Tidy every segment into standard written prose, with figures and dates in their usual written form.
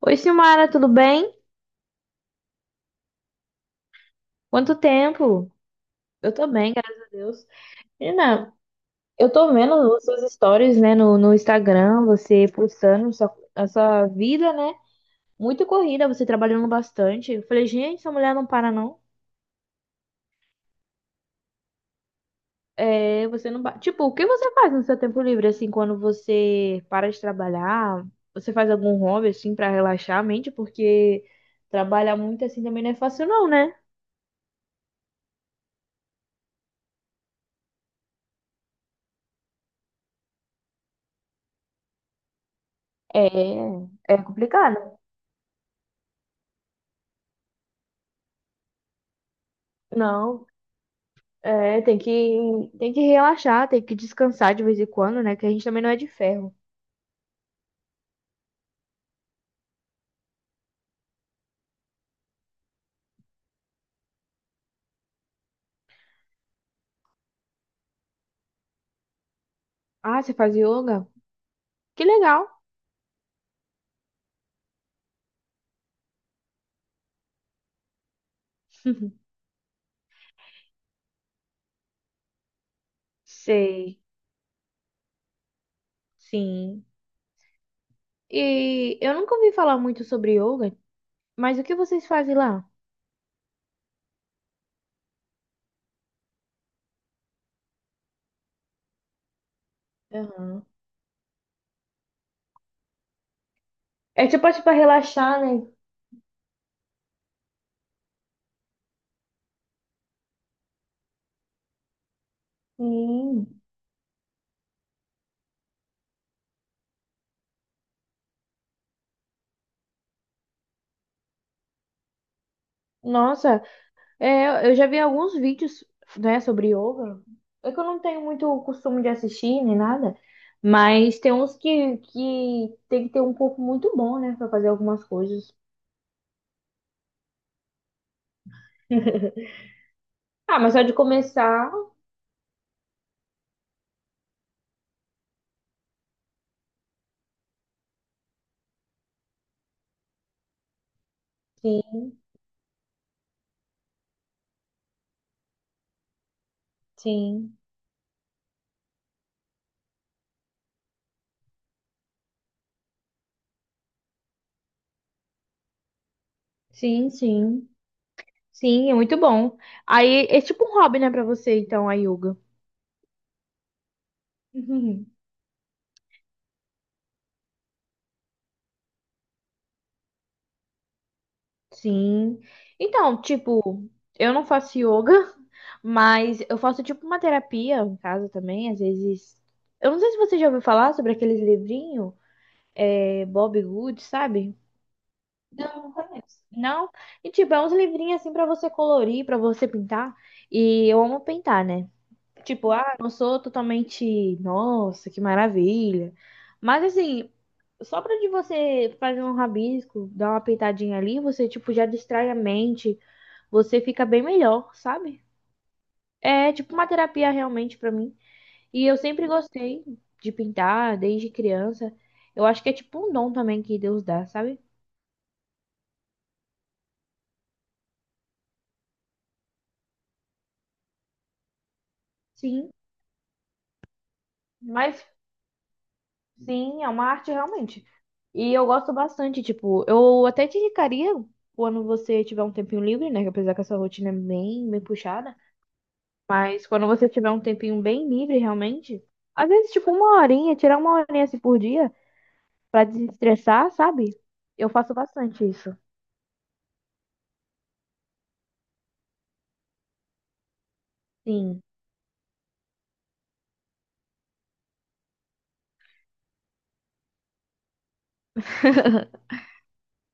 Oi, Silmara, tudo bem? Quanto tempo? Eu tô bem, graças a Deus. Menina, eu tô vendo as suas stories, né, no Instagram, você postando a sua vida, né? Muito corrida, você trabalhando bastante. Eu falei, gente, essa mulher não para, não. É, você não. Tipo, o que você faz no seu tempo livre, assim, quando você para de trabalhar? Você faz algum hobby, assim, pra relaxar a mente? Porque trabalhar muito, assim, também não é fácil, não, né? É, é complicado. Não, é, tem que relaxar, tem que descansar de vez em quando, né? Que a gente também não é de ferro. Ah, você faz yoga? Que legal. Sei, sim. E eu nunca ouvi falar muito sobre yoga, mas o que vocês fazem lá? Aham. É tipo assim pra relaxar, né? Sim. Nossa, é, eu já vi alguns vídeos, né, sobre yoga. É que eu não tenho muito o costume de assistir nem nada, mas tem uns que tem que ter um corpo muito bom, né, pra fazer algumas coisas. Ah, mas só de começar, sim, sim, sim, sim, sim, é muito bom. Aí é tipo um hobby, né, pra você, então, a yoga. Uhum. Sim. Então, tipo, eu não faço yoga, mas eu faço tipo uma terapia em casa também, às vezes. Eu não sei se você já ouviu falar sobre aqueles livrinhos, é, Bob Good, sabe? Não, não conheço. Não? E tipo, é uns livrinhos assim pra você colorir, pra você pintar. E eu amo pintar, né? Tipo, ah, não sou totalmente, nossa, que maravilha. Mas assim, só pra de você fazer um rabisco, dar uma pitadinha ali, você tipo já distrai a mente, você fica bem melhor, sabe? É tipo uma terapia realmente pra mim. E eu sempre gostei de pintar desde criança. Eu acho que é tipo um dom também que Deus dá, sabe? Sim. Mas sim, é uma arte realmente. E eu gosto bastante, tipo, eu até te indicaria quando você tiver um tempinho livre, né? Que apesar que essa rotina é bem, bem puxada. Mas quando você tiver um tempinho bem livre, realmente, às vezes, tipo, uma horinha, tirar uma horinha assim por dia pra desestressar, sabe? Eu faço bastante isso. Sim.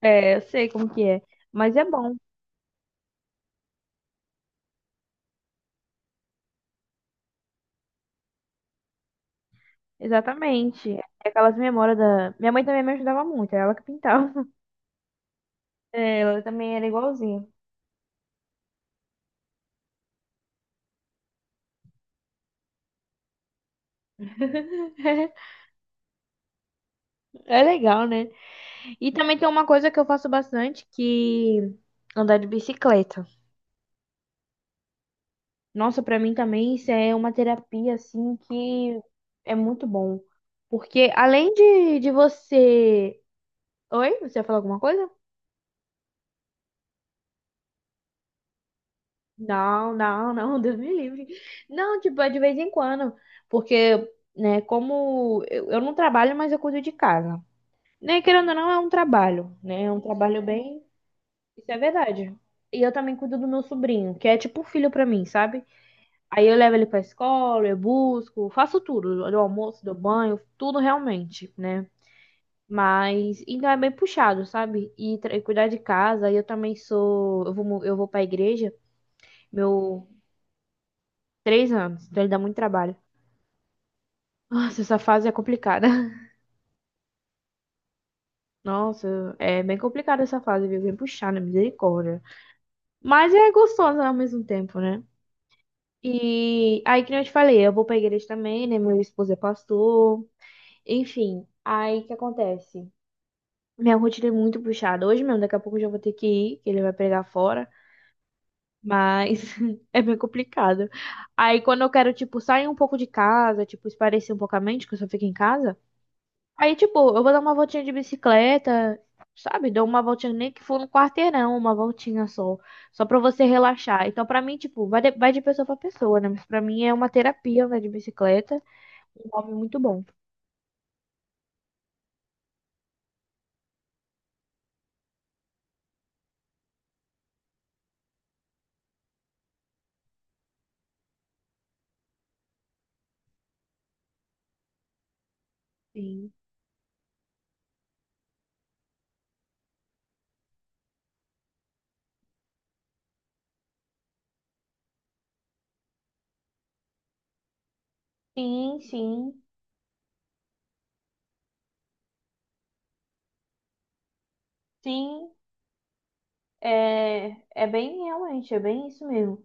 É, eu sei como que é. Mas é bom, exatamente. É aquelas memórias da. Minha mãe também me ajudava muito, era ela que pintava. É, ela também era igualzinha. É legal, né? E também tem uma coisa que eu faço bastante, que andar de bicicleta. Nossa, pra mim também isso é uma terapia assim que é muito bom. Porque além de você. Oi? Você ia falar alguma coisa? Não, não, não, Deus me livre. Não, tipo, é de vez em quando. Porque, né, como eu não trabalho, mas eu cuido de casa. Né, querendo ou não, é um trabalho, né? É um trabalho bem. Isso é verdade. E eu também cuido do meu sobrinho, que é tipo um filho pra mim, sabe? Aí eu levo ele pra escola, eu busco, faço tudo, do almoço, do banho, tudo realmente, né? Mas ainda é bem puxado, sabe? E, e cuidar de casa, e eu também sou, eu vou pra igreja, meu 3 anos, então ele dá muito trabalho. Nossa, essa fase é complicada. Nossa, é bem complicada essa fase, viu? Bem puxada, misericórdia. Mas é gostosa ao mesmo tempo, né? E aí, que nem eu te falei, eu vou pra igreja também, né? Meu esposo é pastor. Enfim, aí o que acontece? Minha rotina é muito puxada. Hoje mesmo, daqui a pouco eu já vou ter que ir, que ele vai pregar fora. Mas é bem complicado. Aí, quando eu quero, tipo, sair um pouco de casa, tipo, espairecer um pouco a mente, que eu só fico em casa. Aí, tipo, eu vou dar uma voltinha de bicicleta, sabe? Dou uma voltinha, nem que for no quarteirão, uma voltinha só. Só pra você relaxar. Então, pra mim, tipo, vai de pessoa pra pessoa, né? Mas pra mim é uma terapia andar de bicicleta. Um hobby muito bom. Sim. Sim, sim, sim. É, é bem realmente, é bem isso mesmo.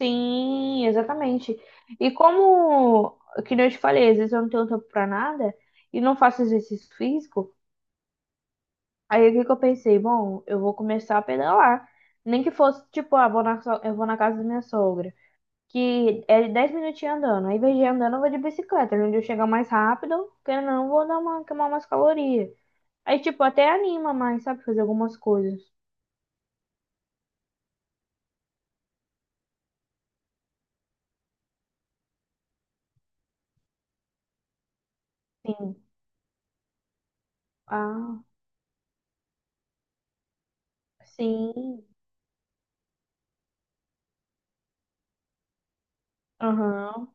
Sim, exatamente. E como, que nem eu te falei, às vezes eu não tenho tempo pra nada e não faço exercício físico, aí o que que eu pensei? Bom, eu vou começar a pedalar. Nem que fosse, tipo, ah, vou na, eu vou na casa da minha sogra, que é 10 minutinhos andando. Aí, em vez de andando, eu vou de bicicleta, onde eu chegar mais rápido, porque não, vou dar uma, queimar umas calorias. Aí, tipo, até anima mais, sabe, fazer algumas coisas. Sim. Ah, sim. Aham.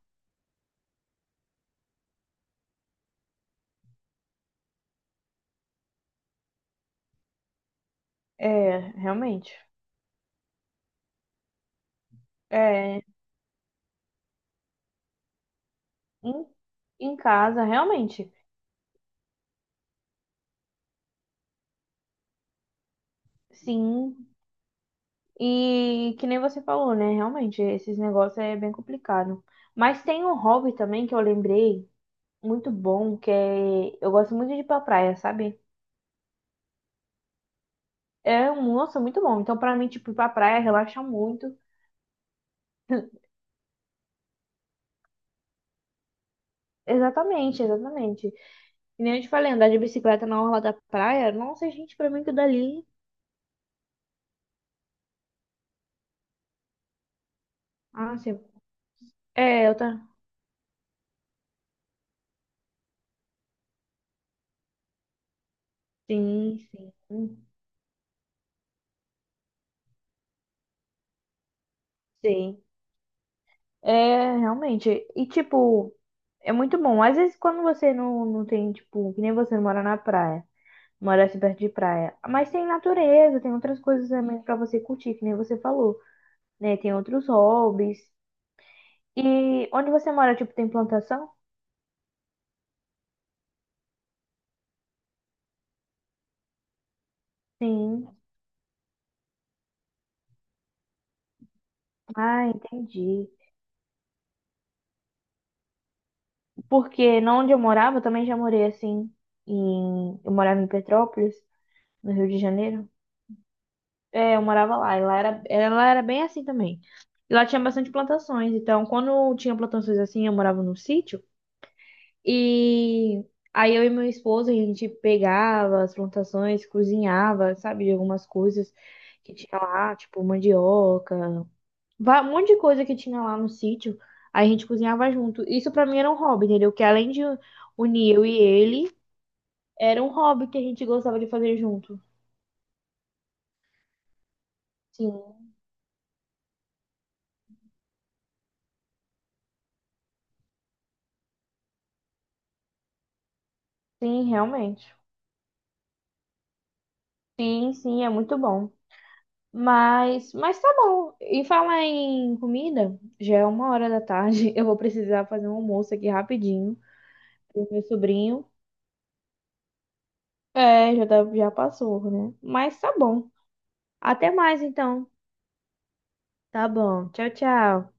É, realmente. É. Em, em casa, realmente. Sim. E que nem você falou, né? Realmente, esses negócios é bem complicado. Mas tem um hobby também que eu lembrei, muito bom, que é. Eu gosto muito de ir pra praia, sabe? É, um nossa, muito bom. Então, pra mim, tipo, ir pra praia relaxa muito. Exatamente, exatamente. E nem eu te falei, andar de bicicleta na orla da praia, nossa, gente, pra mim que dali. Ah, sim. É, eu tá. Sim, sim. Sim. É, realmente. E, tipo, é muito bom. Às vezes, quando você não, não tem, tipo, que nem você não mora na praia, mora assim perto de praia. Mas tem natureza, tem outras coisas também pra você curtir, que nem você falou, né? Tem outros hobbies. E onde você mora, tipo, tem plantação? Sim. Ah, entendi. Porque não onde eu morava, eu também já morei assim. Eu morava em Petrópolis, no Rio de Janeiro. É, eu morava lá, e lá era, ela era bem assim também. E lá tinha bastante plantações, então quando tinha plantações assim, eu morava num sítio, e aí eu e meu esposo, a gente pegava as plantações, cozinhava, sabe, de algumas coisas que tinha lá, tipo mandioca, um monte de coisa que tinha lá no sítio, aí a gente cozinhava junto. Isso pra mim era um hobby, entendeu? Que além de unir eu e ele, era um hobby que a gente gostava de fazer junto. Sim, sim, realmente. Sim, sim, é muito bom. Mas tá bom. E falar em comida, já é uma hora da tarde. Eu vou precisar fazer um almoço aqui rapidinho pro meu sobrinho. É, já, já passou, né? Mas tá bom. Até mais então. Tá bom. Tchau, tchau.